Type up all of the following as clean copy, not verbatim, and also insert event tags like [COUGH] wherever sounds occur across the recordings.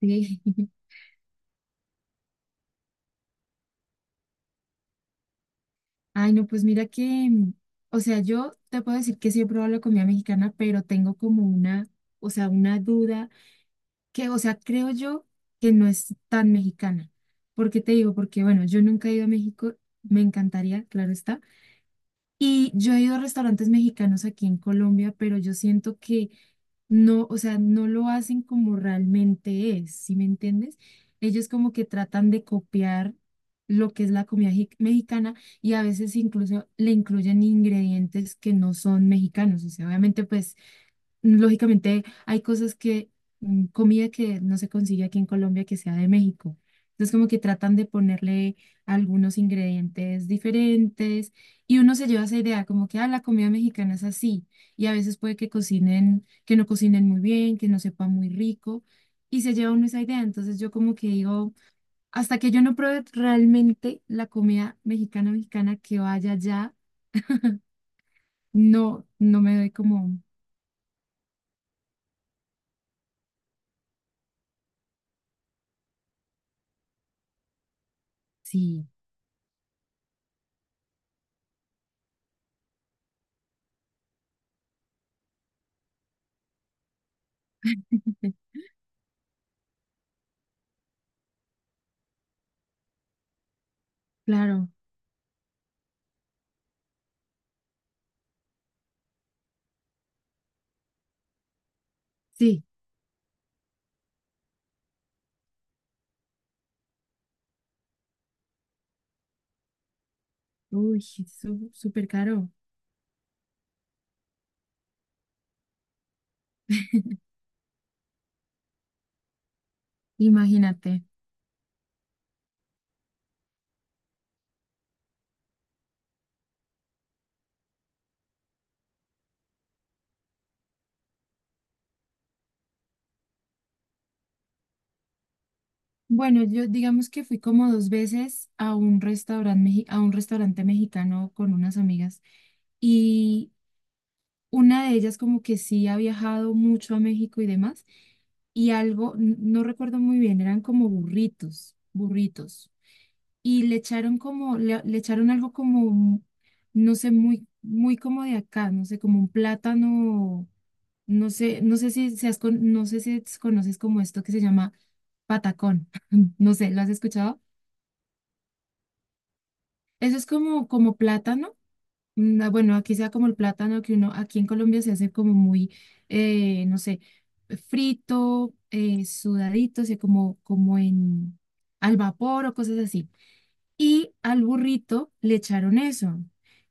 Sí. [LAUGHS] Ay, no, pues mira que, o sea, yo te puedo decir que sí he probado la comida mexicana, pero tengo como una, o sea, una duda que, o sea, creo yo que no es tan mexicana. ¿Por qué te digo? Porque, bueno, yo nunca he ido a México, me encantaría, claro está. Y yo he ido a restaurantes mexicanos aquí en Colombia, pero yo siento que no, o sea, no lo hacen como realmente es, ¿sí me entiendes? Ellos como que tratan de copiar lo que es la comida mexicana y a veces incluso le incluyen ingredientes que no son mexicanos. O sea, obviamente pues lógicamente hay cosas que, comida que no se consigue aquí en Colombia que sea de México. Entonces como que tratan de ponerle algunos ingredientes diferentes y uno se lleva esa idea como que, ah, la comida mexicana es así y a veces puede que cocinen, que no cocinen muy bien, que no sepa muy rico y se lleva uno esa idea. Entonces yo como que digo, hasta que yo no pruebe realmente la comida mexicana mexicana que vaya allá, no, no me doy como, sí, claro. Sí, uy, sí, súper caro, imagínate. Bueno, yo digamos que fui como dos veces a un restaurante mexicano con unas amigas y una de ellas como que sí ha viajado mucho a México y demás y algo, no recuerdo muy bien, eran como burritos, burritos y le echaron como, le echaron algo como, no sé, muy como de acá, no sé, como un plátano. No sé, no sé si seas no sé si conoces como esto que se llama patacón. [LAUGHS] No sé, ¿lo has escuchado? Eso es como, como plátano. Ah, bueno, aquí sea como el plátano que uno, aquí en Colombia se hace como muy, no sé, frito, sudadito, o sea, como, como en al vapor o cosas así. Y al burrito le echaron eso.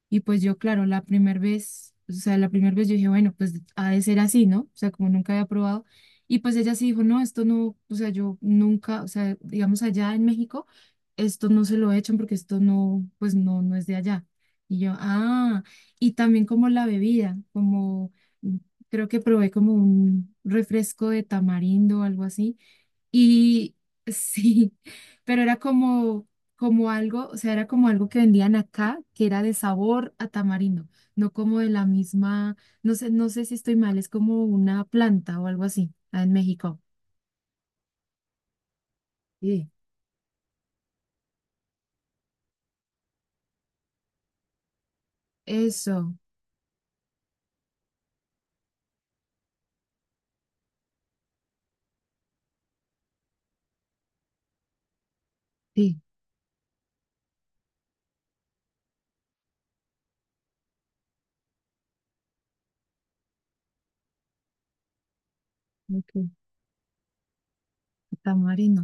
Y pues yo, claro, la primera vez, o sea, la primera vez yo dije, bueno, pues ha de ser así, ¿no? O sea, como nunca había probado. Y pues ella sí dijo, no, esto no, o sea, yo nunca, o sea, digamos allá en México, esto no se lo echan porque esto no, pues no, no es de allá. Y yo, ah, y también como la bebida, como mm, creo que probé como un refresco de tamarindo o algo así y sí, [LAUGHS] pero era como, como algo, o sea, era como algo que vendían acá, que era de sabor a tamarindo, no como de la misma, no sé, no sé si estoy mal, es como una planta o algo así, ah, en México. Sí. Eso, sí, ok, tamarindo.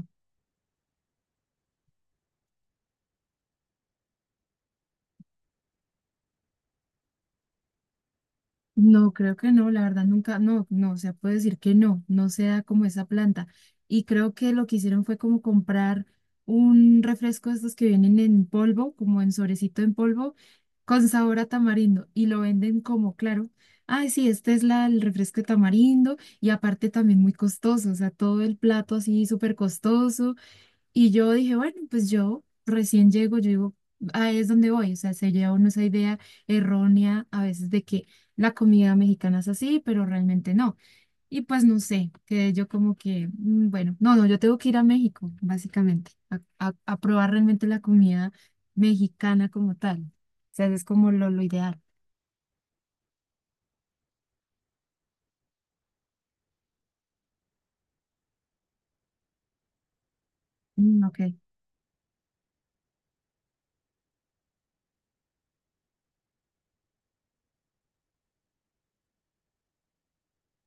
No, creo que no, la verdad nunca, no, no, o sea, puedo decir que no, no sea como esa planta. Y creo que lo que hicieron fue como comprar un refresco de estos que vienen en polvo, como en sobrecito en polvo, con sabor a tamarindo, y lo venden como, claro, ay, sí, este es la, el refresco de tamarindo, y aparte también muy costoso, o sea, todo el plato así súper costoso, y yo dije, bueno, pues yo recién llego, yo digo, ahí es donde voy. O sea, se lleva uno esa idea errónea a veces de que la comida mexicana es así, pero realmente no. Y pues no sé, que yo como que, bueno, no, no, yo tengo que ir a México, básicamente, a, a probar realmente la comida mexicana como tal. O sea, es como lo ideal. Mm, ok,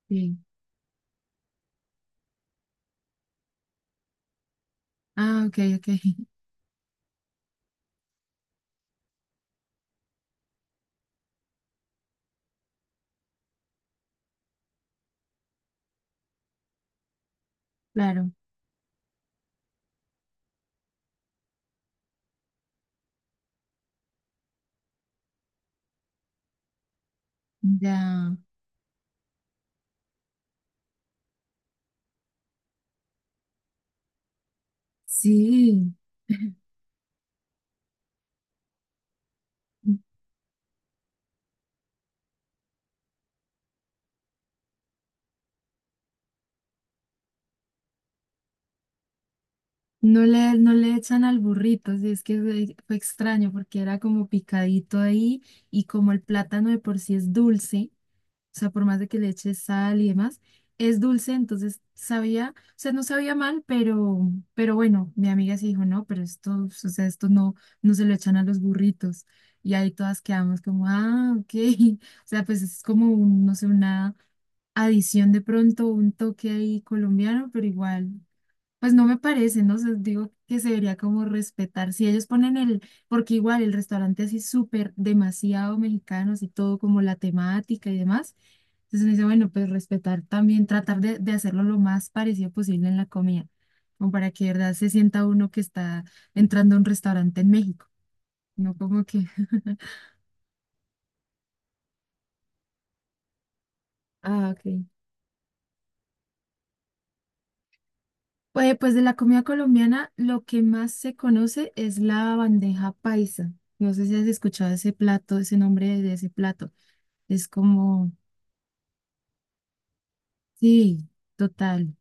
sí. Ah, ok, ok, [LAUGHS] claro. Ya, sí. [LAUGHS] No le, no le echan al burrito, sí, es que fue, fue extraño porque era como picadito ahí y como el plátano de por sí es dulce, o sea, por más de que le eches sal y demás, es dulce, entonces sabía, o sea, no sabía mal, pero bueno, mi amiga sí dijo, no, pero esto, o sea, esto no, no se lo echan a los burritos. Y ahí todas quedamos como, ah, ok, [LAUGHS] o sea, pues es como, un, no sé, una adición de pronto, un toque ahí colombiano, pero igual. Pues no me parece, no sé, digo que se debería como respetar. Si ellos ponen el, porque igual el restaurante así súper demasiado mexicanos y todo como la temática y demás. Entonces me dice, bueno, pues respetar también, tratar de hacerlo lo más parecido posible en la comida, como para que de verdad se sienta uno que está entrando a un restaurante en México, no como que... [LAUGHS] Ah, ok. Pues, pues de la comida colombiana, lo que más se conoce es la bandeja paisa. No sé si has escuchado ese plato, ese nombre de ese plato. Es como, sí, total.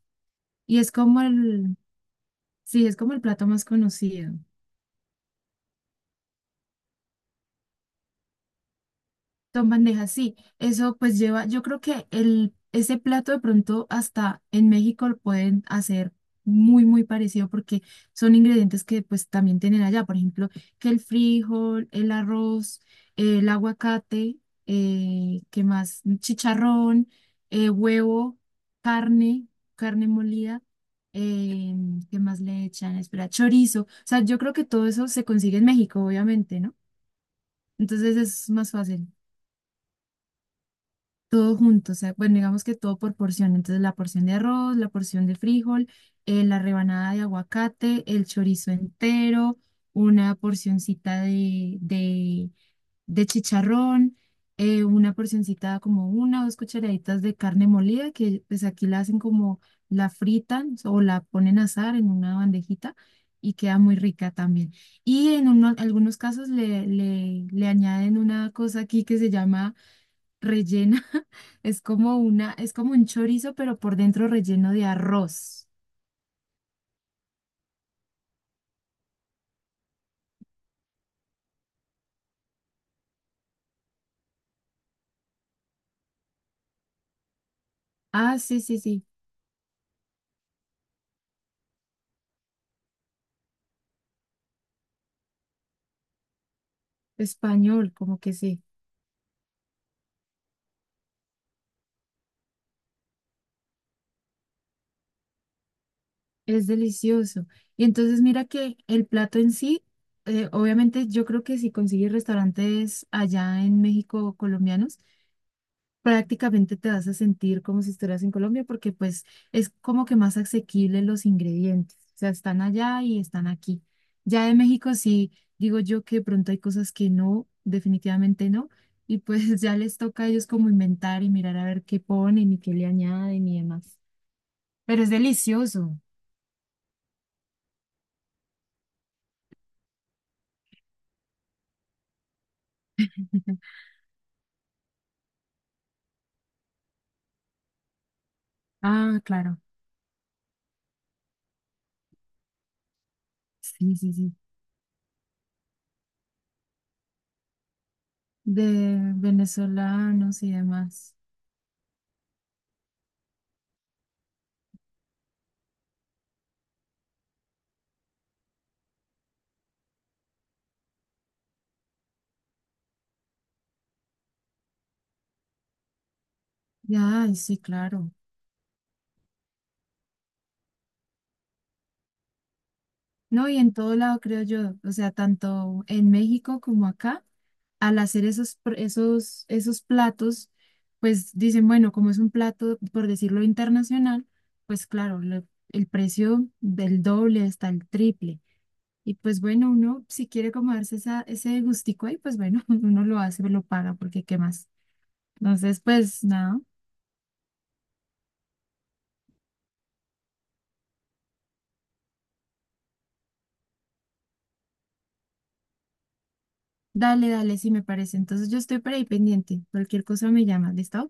Y es como el, sí, es como el plato más conocido. Son bandejas, sí. Eso pues lleva, yo creo que el, ese plato de pronto hasta en México lo pueden hacer muy, muy parecido porque son ingredientes que pues también tienen allá. Por ejemplo, que el frijol, el arroz, el aguacate, ¿qué más? Chicharrón, huevo, carne, carne molida. Eh, ¿Qué más le echan? Espera, chorizo. O sea, yo creo que todo eso se consigue en México, obviamente, ¿no? Entonces es más fácil. Todo junto, o sea, bueno, digamos que todo por porción. Entonces, la porción de arroz, la porción de frijol, la rebanada de aguacate, el chorizo entero, una porcioncita de chicharrón, una porcioncita como una o dos cucharaditas de carne molida, que pues aquí la hacen como la fritan o la ponen a asar en una bandejita y queda muy rica también. Y en algunos casos le, le añaden una cosa aquí que se llama rellena, [LAUGHS] es como una, es como un chorizo, pero por dentro relleno de arroz. Ah, sí, sí, sí, español, como que sí, es delicioso. Y entonces mira que el plato en sí, obviamente yo creo que si consigues restaurantes allá en México colombianos, prácticamente te vas a sentir como si estuvieras en Colombia porque pues es como que más asequible los ingredientes. O sea, están allá y están aquí. Ya de México sí, digo yo que de pronto hay cosas que no, definitivamente no. Y pues [LAUGHS] ya les toca a ellos como inventar y mirar a ver qué ponen y qué le añaden y demás. Pero es delicioso. [LAUGHS] Ah, claro. Sí, sí, sí. De venezolanos y demás. Ya, ay, sí, claro. No, y en todo lado creo yo, o sea, tanto en México como acá, al hacer esos, esos, esos platos, pues dicen, bueno, como es un plato, por decirlo internacional, pues claro, el precio del doble hasta el triple. Y pues bueno, uno si quiere como darse esa, ese gustico ahí, pues bueno, [LAUGHS] uno lo hace, lo paga, porque qué más. Entonces, pues nada, dale, dale, sí me parece. Entonces yo estoy por ahí pendiente, cualquier cosa me llama, ¿listo?